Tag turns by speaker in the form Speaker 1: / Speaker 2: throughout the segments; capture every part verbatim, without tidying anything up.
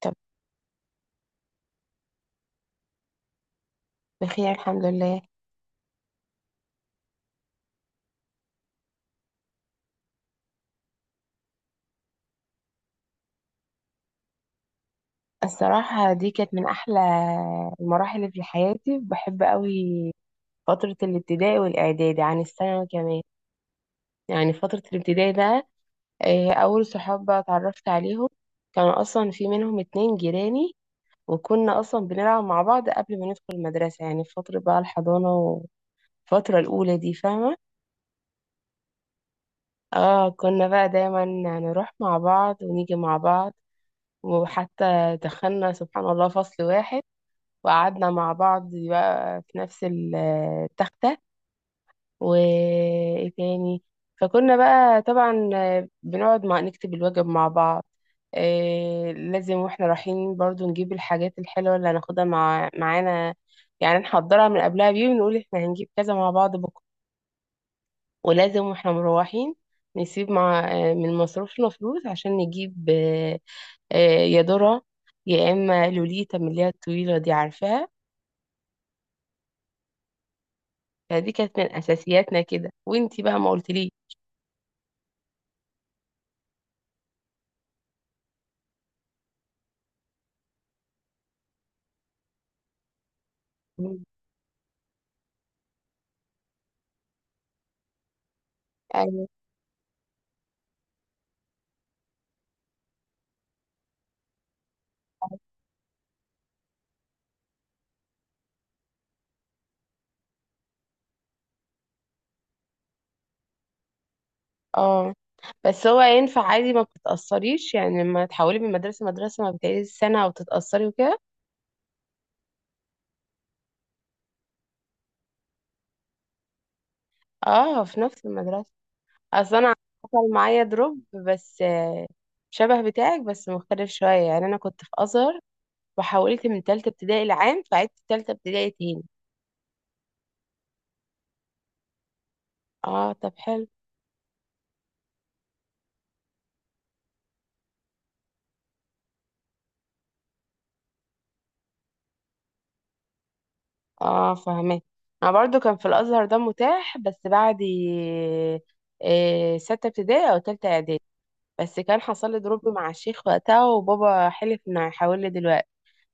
Speaker 1: طب، بخير الحمد لله. الصراحة دي كانت من أحلى المراحل اللي في حياتي، بحب قوي فترة الابتدائي والإعدادي عن الثانوي كمان. يعني فترة الابتدائي ده، آه، أول صحاب بقى اتعرفت عليهم كانوا أصلا في منهم اتنين جيراني، وكنا أصلا بنلعب مع بعض قبل ما ندخل المدرسة، يعني في فترة بقى الحضانة والفترة الأولى دي، فاهمة. اه كنا بقى دايما نروح مع بعض ونيجي مع بعض، وحتى دخلنا سبحان الله فصل واحد وقعدنا مع بعض بقى في نفس ال- التختة. وايه تاني، فكنا بقى طبعا بنقعد مع نكتب الواجب مع بعض. إيه، لازم واحنا رايحين برضو نجيب الحاجات الحلوة اللي هناخدها مع معانا، يعني نحضرها من قبلها بيوم ونقول احنا هنجيب كذا مع بعض بكرة. ولازم واحنا مروحين نسيب مع آه، من مصروفنا فلوس عشان نجيب آه، آه، يا ذرة يا اما لوليتا، من اللي هي الطويلة دي، عارفاها. فدي كانت من اساسياتنا كده، وانتي بقى ما قلتليش. مم. يعني اه، بس هو ينفع عادي ما بتتأثريش يعني لما تحولي من مدرسة لمدرسة ما بتعيدي سنة وتتأثري وكده؟ اه في نفس المدرسة. اصل انا حصل معايا دروب بس، آه، شبه بتاعك بس مختلف شوية. يعني انا كنت في ازهر وحولت من تالتة ابتدائي لعام، فعدت تالتة ابتدائي تاني. اه طب حلو. اه فاهمه. انا برضو كان في الازهر ده متاح بس بعد ي- إيه سته ابتدائي او تالته اعدادي، بس كان حصل لي دروب مع الشيخ وقتها وبابا حلف انه هيحول لي دلوقتي.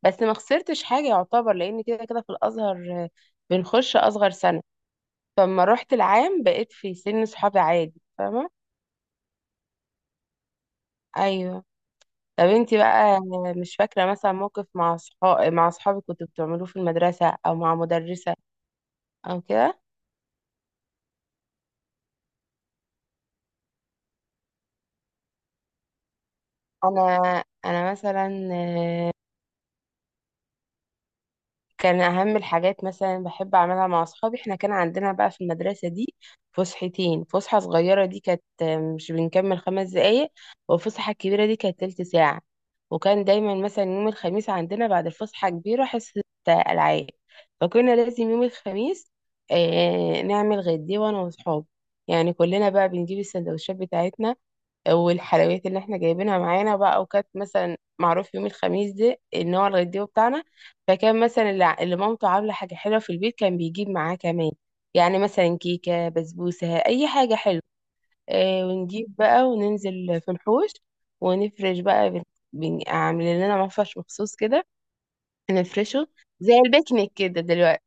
Speaker 1: بس ما خسرتش حاجه يعتبر، لان كده كده في الازهر آه، بنخش اصغر سنه، فلما رحت العام بقيت في سن صحابي عادي، فاهمه. ايوه. طب انتي بقى، مش فاكره مثلا موقف مع صحاب مع صحابك كنتوا بتعملوه في المدرسه او مع مدرسه او كده؟ انا انا مثلا، آه، كان أهم الحاجات مثلا بحب أعملها مع أصحابي. إحنا كان عندنا بقى في المدرسة دي فسحتين، فسحة صغيرة دي كانت مش بنكمل خمس دقايق، والفسحة الكبيرة دي كانت تلت ساعة. وكان دايما مثلا يوم الخميس عندنا بعد الفسحة الكبيرة حصة ألعاب، فكنا لازم يوم الخميس آه، نعمل غدي وأنا وأصحابي. يعني كلنا بقى بنجيب السندوتشات بتاعتنا والحلويات اللي احنا جايبينها معانا بقى، وكانت مثلا معروف يوم الخميس ده ان هو الغديوه بتاعنا. فكان مثلا اللي, ع- اللي مامته عامله حاجه حلوه في البيت كان بيجيب معاه كمان، يعني مثلا كيكه، بسبوسه، اي حاجه حلوه. اه ونجيب بقى وننزل في الحوش، ونفرش بقى بن- بن- عاملين لنا مفرش مخصوص كده نفرشه، زي البيكنيك كده دلوقتي.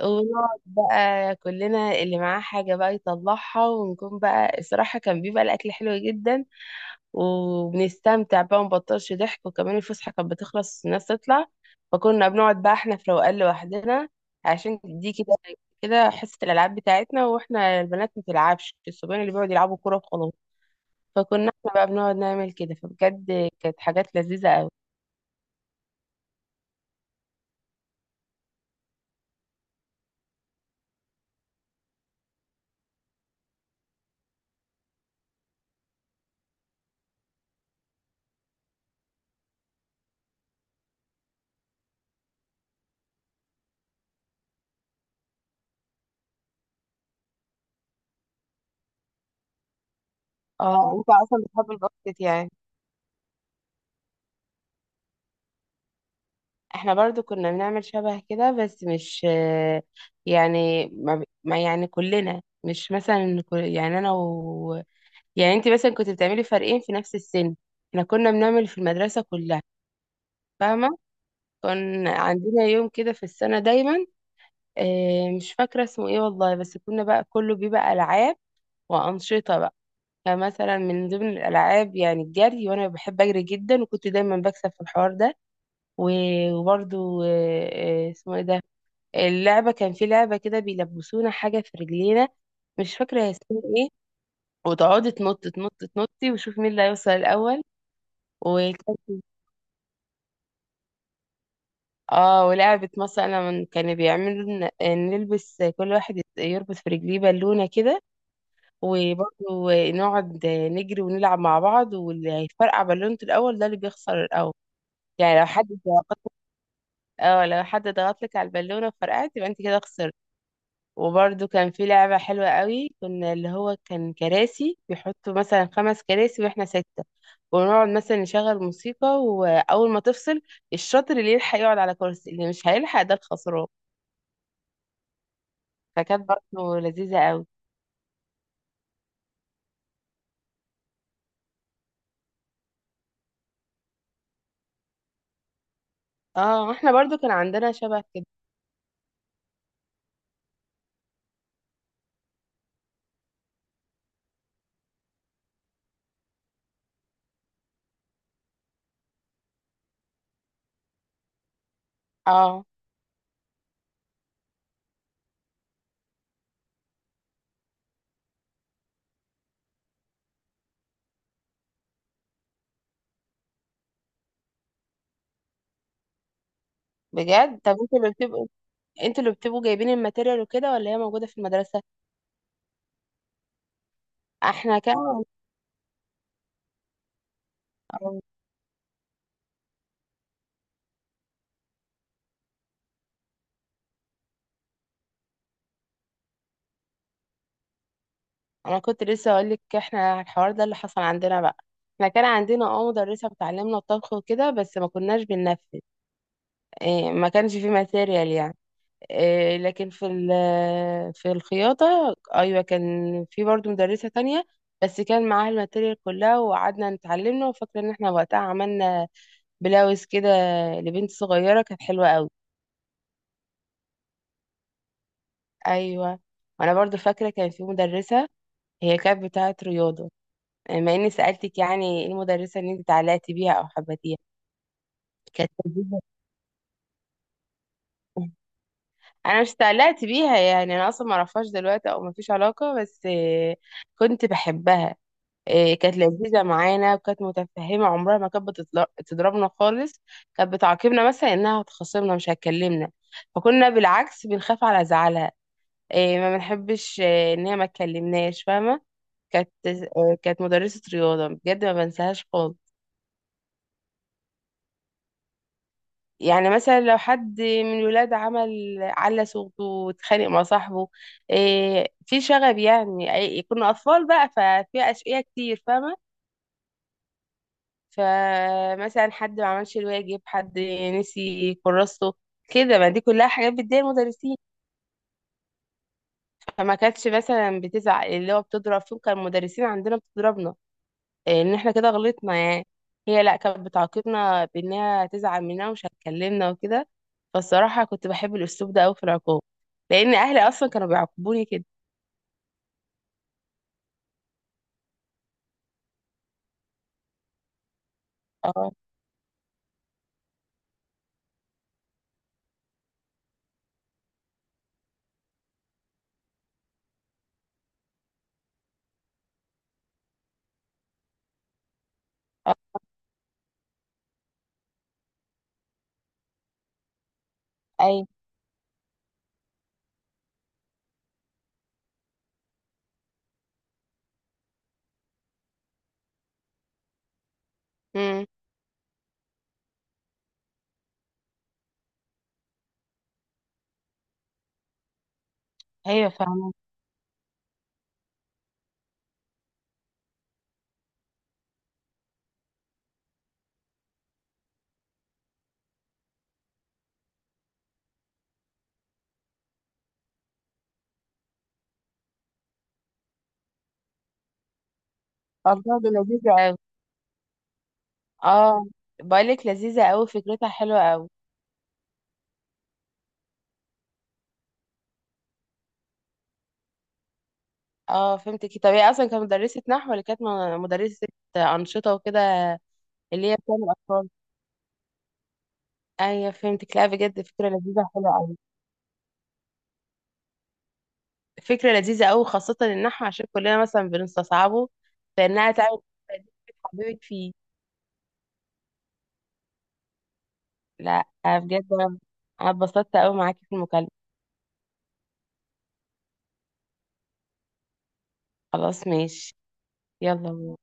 Speaker 1: ونقعد بقى كلنا، اللي معاه حاجة بقى يطلعها، ونكون بقى الصراحة كان بيبقى الأكل حلو جدا، وبنستمتع بقى ومبطلش ضحك. وكمان الفسحة كانت بتخلص الناس تطلع، فكنا بنقعد بقى احنا في روقان لوحدنا، عشان دي كده كده حصة الألعاب بتاعتنا، واحنا البنات ما بتلعبش، الصبيان اللي بيقعدوا يلعبوا كورة وخلاص. فكنا احنا بقى بنقعد نعمل كده، فبجد كانت حاجات لذيذة قوي. اه، انت اصلا بتحب الباسكت يعني. احنا برضو كنا بنعمل شبه كده، بس مش يعني ما, ما يعني كلنا، مش مثلا كل- يعني انا و، يعني انت مثلا كنت بتعملي فريقين في نفس السن، احنا كنا بنعمل في المدرسة كلها، فاهمة. كان عندنا يوم كده في السنة دايما، اه مش فاكرة اسمه ايه والله، بس كنا بقى كله بيبقى ألعاب وأنشطة بقى. فمثلا من ضمن الألعاب يعني الجري، وأنا بحب أجري جدا وكنت دايما بكسب في الحوار ده. و- وبرضو اه آه، اسمه ايه ده اللعبة، كان في لعبة كده بيلبسونا حاجة في رجلينا، مش فاكرة هي اسمها ايه، وتقعدي تنط تنط تنطي وشوف مين اللي هيوصل الأول. اه، ولعبة مثلا من- كانوا بيعملوا لنا- نلبس، كل واحد يربط في رجليه بالونة كده، وبرضه نقعد نجري ونلعب مع بعض، واللي هيفرقع بالونته الأول ده اللي بيخسر الأول. يعني لو حد ضغط، اه لو حد ضغط لك على البالونة فرقعت، يبقى انت كده خسرت. وبرضه كان في لعبة حلوة قوي، كنا اللي هو كان كراسي، بيحطوا مثلا خمس كراسي واحنا ستة، ونقعد مثلا نشغل موسيقى وأول ما تفصل، الشاطر اللي يلحق يقعد على كرسي، اللي مش هيلحق ده الخسران. فكانت برضه لذيذة قوي. اه احنا برضو كان عندنا شبه كده. اه بجد، طب انتوا اللي بتبقوا، انتوا اللي بتبقوا جايبين الماتيريال وكده، ولا هي موجودة في المدرسة؟ احنا كان، آه، انا كنت لسه اقول لك احنا على الحوار ده اللي حصل عندنا بقى. احنا كان عندنا اه مدرسة بتعلمنا الطبخ وكده، بس ما كناش بننفذ، إيه ما كانش في ماتيريال يعني. آه، لكن في ال- في الخياطة أيوة كان، في برضو مدرسة تانية بس كان معاها الماتيريال كلها، وقعدنا نتعلمنا، وفاكرة إن احنا وقتها عملنا بلاوز كده لبنت صغيرة، كانت حلوة قوي. أيوة. وأنا برضو فاكرة كان في مدرسة، هي كانت بتاعة رياضة، آه، مع إني سألتك، يعني إيه المدرسة اللي أنت اتعلقتي بيها أو حبيتيها؟ كانت لذيذة. انا مش اتعلقت بيها يعني، انا اصلا ما اعرفهاش دلوقتي او ما فيش علاقه بس آه، كنت بحبها. إيه، كانت لذيذة معانا، وكانت متفهمة، عمرها ما كانت بتطل- بتضربنا خالص. كانت بتعاقبنا مثلا إنها هتخاصمنا، مش هتكلمنا، فكنا بالعكس بنخاف على زعلها. إيه، ما بنحبش إيه، إن هي ما تكلمناش، فاهمة. كانت إيه، كانت مدرسة رياضة بجد ما بنساهاش خالص. يعني مثلا لو حد من الولاد عمل على صوته واتخانق مع صاحبه، إيه، في شغب يعني، أي- كنا أطفال بقى، ففي أشقية كتير، فاهمة. فمثلا حد ما عملش الواجب، حد نسي كراسته، كده، ما دي كلها حاجات بتضايق المدرسين. فما كانتش مثلا بتزعق، اللي هو بتضرب فيهم كان المدرسين عندنا بتضربنا إيه، ان احنا كده غلطنا يعني، هي لا كانت بتعاقبنا بانها تزعل مننا ومش هتكلمنا وكده. فالصراحة كنت بحب الاسلوب ده قوي في العقاب، لان اهلي اصلا كانوا بيعاقبوني كده. اه. اه. ايوه. امم. ايوه فاهمة. الله دي لذيذة قوي. اه، بقولك لذيذة قوي، فكرتها حلوة قوي. اه فهمتك، طب هي اصلا كانت مدرسة نحو ولا كانت م- مدرسة أنشطة وكده، اللي هي بتعمل أطفال؟ ايوه فهمتك، لا بجد فكرة لذيذة حلوة قوي. فكرة لذيذة قوي خاصة النحو، عشان كلنا مثلا بنستصعبه، فإنها تعمل حبيبك فيه. لا آه، بجد أنا أنا اتبسطت قوي معاكي في المكالمة. خلاص ماشي. يلا.